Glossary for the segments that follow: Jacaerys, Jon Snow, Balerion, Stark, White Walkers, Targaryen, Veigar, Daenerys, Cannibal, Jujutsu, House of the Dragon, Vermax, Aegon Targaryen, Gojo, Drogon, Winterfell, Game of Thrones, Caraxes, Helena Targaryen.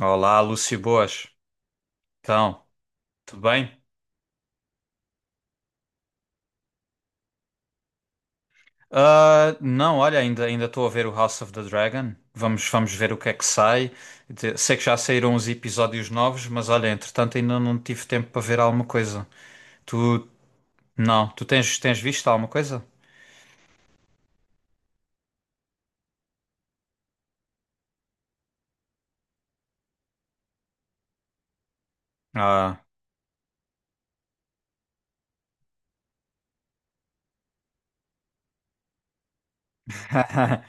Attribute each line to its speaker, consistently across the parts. Speaker 1: Olá, Lúcio Boas. Então, tudo bem? Ah, não, olha, ainda estou a ver o House of the Dragon. Vamos ver o que é que sai. Sei que já saíram uns episódios novos, mas olha, entretanto ainda não tive tempo para ver alguma coisa. Tu, não, tu tens visto alguma coisa? Ah.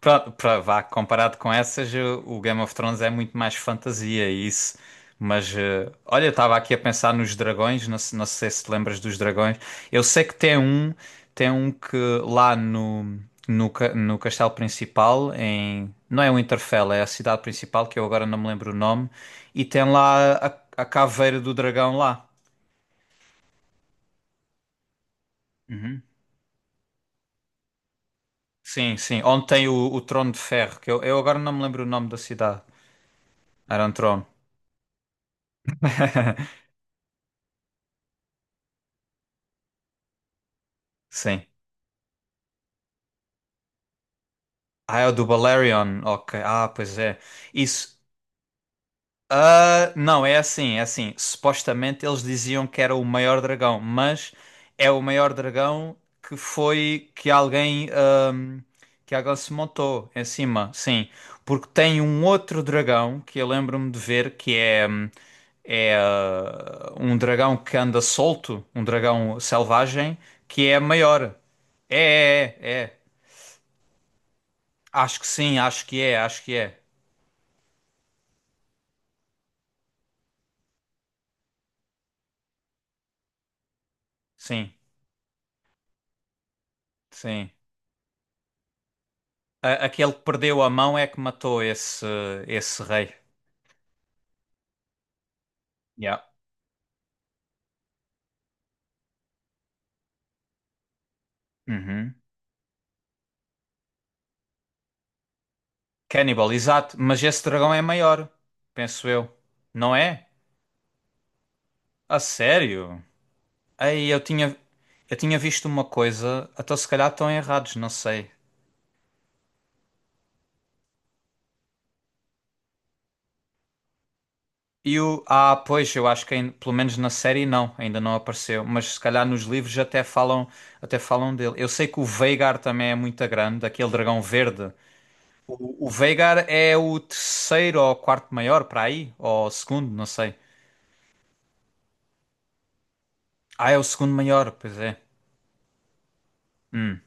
Speaker 1: Pronto, pra, vá, comparado com essas, o Game of Thrones é muito mais fantasia e isso. Mas olha, eu estava aqui a pensar nos dragões, não, não sei se te lembras dos dragões. Eu sei que tem um que lá no, no, no castelo principal, em, não é Winterfell, é a cidade principal, que eu agora não me lembro o nome, e tem lá a caveira do dragão lá. Uhum. Sim, sim, onde tem o trono de ferro, que eu agora não me lembro o nome da cidade. Era um trono. Sim. Ah, é o do Balerion. Ok. Ah, pois é. Isso. Ah, não, é assim, é assim. Supostamente eles diziam que era o maior dragão, mas é o maior dragão que foi que alguém se montou em cima, sim. Porque tem um outro dragão que eu lembro-me de ver que é é um dragão que anda solto, um dragão selvagem que é maior. É, é, é. É. Acho que sim, acho que é, acho que é. Sim. Sim. Aquele que perdeu a mão é que matou esse, esse rei. Yeah. Uhum. Cannibal, exato. Mas esse dragão é maior, penso eu. Não é? A sério? Aí eu tinha visto uma coisa, até se calhar estão errados, não sei. E o. Ah, pois, eu acho que pelo menos na série não, ainda não apareceu. Mas se calhar nos livros até falam dele. Eu sei que o Veigar também é muito grande, aquele dragão verde. O Veigar é o terceiro ou quarto maior para aí? Ou o segundo, não sei. Ah, é o segundo maior, pois é. Hum,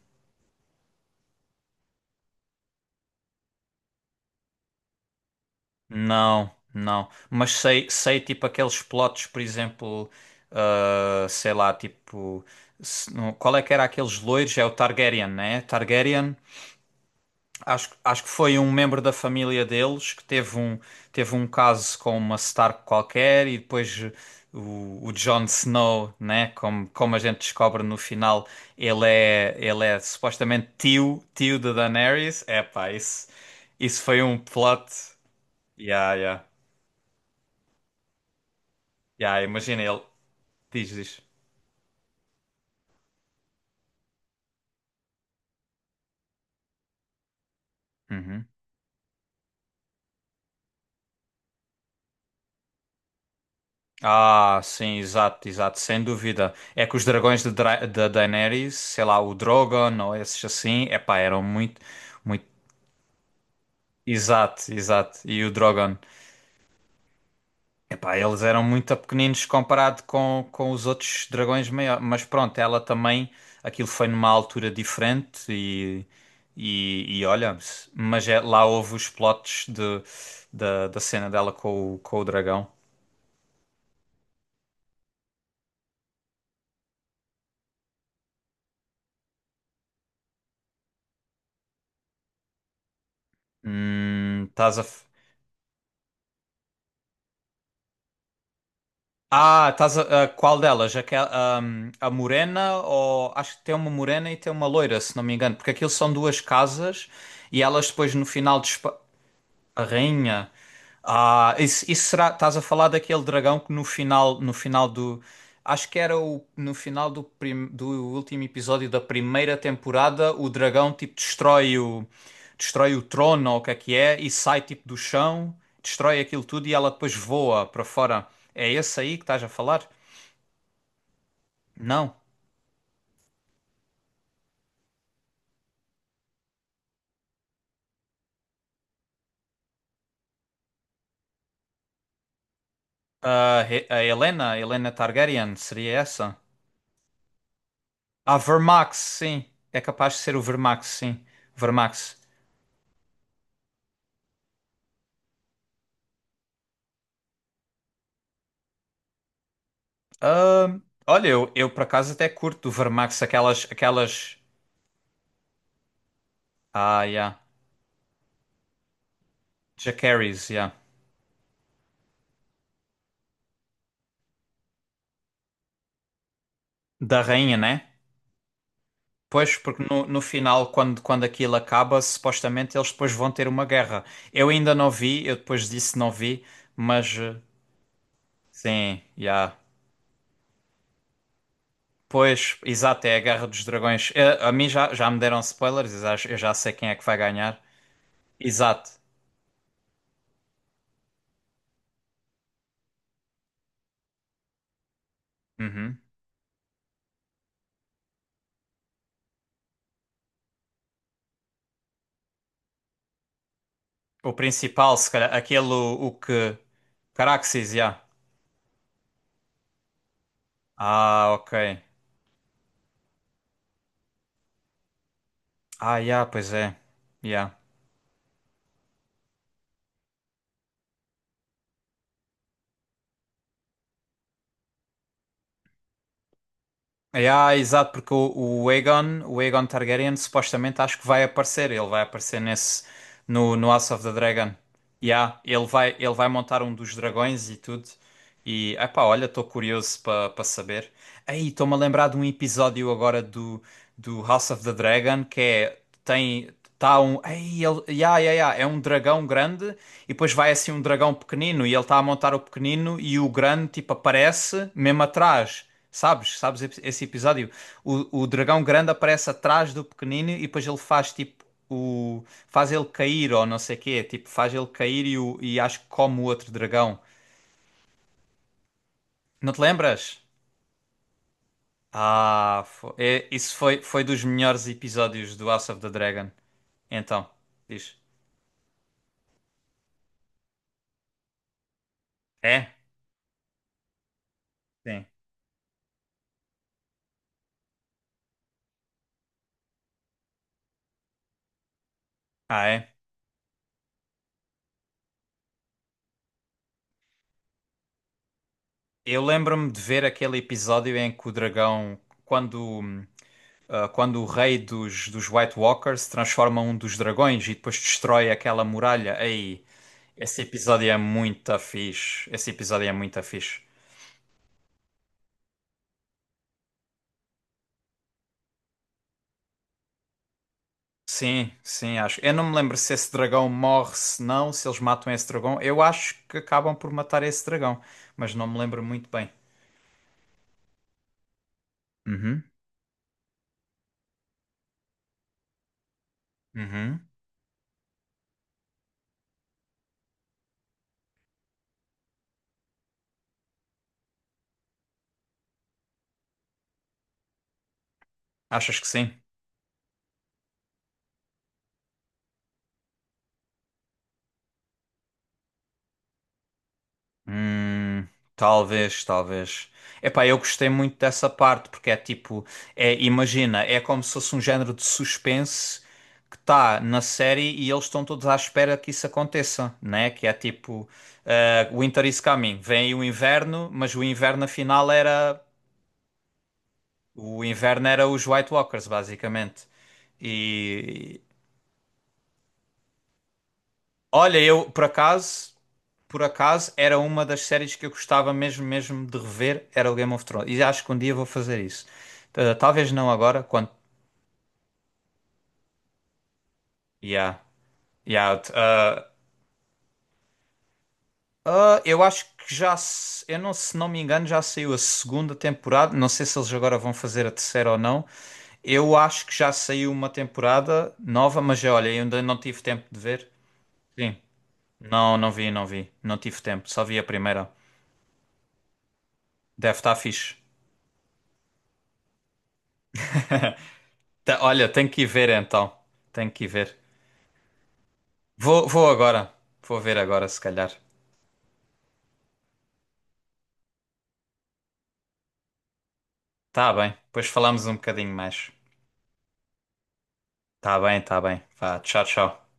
Speaker 1: não, não. Mas sei, sei tipo aqueles plotos, por exemplo, ah, sei lá, tipo. Qual é que era aqueles loiros? É o Targaryen, né? Targaryen. Acho, acho que foi um membro da família deles que teve um caso com uma Stark qualquer e depois o Jon Snow, né? Como, como a gente descobre no final, ele é supostamente tio, tio de Daenerys. Epá, isso foi um plot. Yeah, yeah. Yeah, imagina ele. Diz, diz. Uhum. Ah, sim, exato, exato, sem dúvida. É que os dragões de, da Daenerys, sei lá, o Drogon ou esses assim, epá, eram muito. Muito exato, exato. E o Drogon. Epá, eles eram muito pequeninos comparado com os outros dragões maiores. Mas pronto, ela também. Aquilo foi numa altura diferente e. E, e olha, lá houve os plots de, da, da cena dela com o dragão. Estás a. Ah, estás a. A qual delas? Aquela, a morena ou. Acho que tem uma morena e tem uma loira, se não me engano. Porque aquilo são duas casas e elas depois no final. A rainha. Ah, isso será. Estás a falar daquele dragão que no final, no final do. Acho que era o, no final do, do último episódio da primeira temporada, o dragão tipo destrói o, destrói o trono ou o que é e sai tipo do chão, destrói aquilo tudo e ela depois voa para fora. É esse aí que estás a falar? Não. Ah, a Helena, Helena Targaryen, seria essa? Ah, Vermax, sim. É capaz de ser o Vermax, sim. Vermax. Ahm, olha, eu por acaso até curto do Vermax aquelas, aquelas, ah, yeah, Jacaerys, yeah, da rainha, né? Pois, porque no, no final, quando, quando aquilo acaba, supostamente eles depois vão ter uma guerra. Eu ainda não vi, eu depois disse não vi, mas sim, já. Pois, exato, é a Guerra dos Dragões. Eh, a mim já, já me deram spoilers, eu já sei quem é que vai ganhar. Exato. Uhum. O principal, se calhar, aquele o que... Caraxes, já. Ah, ok. Ah, yeah, pois é. Yeah. Yeah, exato, porque o Aegon Targaryen, supostamente acho que vai aparecer. Ele vai aparecer nesse no, no House of the Dragon. Yeah, ele vai montar um dos dragões e tudo. E epá, olha, estou curioso para para saber. Aí, estou-me a lembrar de um episódio agora do, do House of the Dragon que é tem tá um, ei, ele, yeah, yeah, yeah, é um dragão grande. E depois vai assim um dragão pequenino e ele está a montar o pequenino e o grande tipo aparece mesmo atrás. Sabes? Sabes esse episódio? O dragão grande aparece atrás do pequenino e depois ele faz tipo o faz ele cair ou não sei quê, tipo faz ele cair e, o, e acho que come o outro dragão. Não te lembras? Ah, isso foi foi dos melhores episódios do House of the Dragon. Então, diz. É? Sim. Ah, é? Eu lembro-me de ver aquele episódio em que o dragão, quando, ah, quando o rei dos, dos White Walkers transforma um dos dragões e depois destrói aquela muralha. Aí, esse episódio é muito fixe. Esse episódio é muito fixe. Sim, sim, acho. Eu não me lembro se esse dragão morre, se não, se eles matam esse dragão. Eu acho que acabam por matar esse dragão, mas não me lembro muito bem. Uhum, uhum. Achas que sim? Hum, talvez, talvez. Epá, eu gostei muito dessa parte, porque é tipo, é, imagina, é como se fosse um género de suspense que está na série e eles estão todos à espera que isso aconteça, né? Que é tipo, eh, Winter is coming, vem aí o inverno, mas o inverno afinal era, o inverno era os White Walkers, basicamente. E olha, eu por acaso. Por acaso, era uma das séries que eu gostava mesmo, mesmo de rever, era o Game of Thrones. E acho que um dia vou fazer isso. Talvez não agora, quando... Yeah. Yeah. Eu acho que já... Eu não, se não me engano, já saiu a segunda temporada. Não sei se eles agora vão fazer a terceira ou não. Eu acho que já saiu uma temporada nova, mas olha, eu ainda não tive tempo de ver. Sim. Não, não vi, não vi. Não tive tempo, só vi a primeira. Deve estar fixe. Olha, tenho que ir ver então. Tenho que ir ver. Vou, vou agora. Vou ver agora, se calhar. Tá bem. Depois falamos um bocadinho mais. Tá bem, tá bem. Vá, tchau, tchau.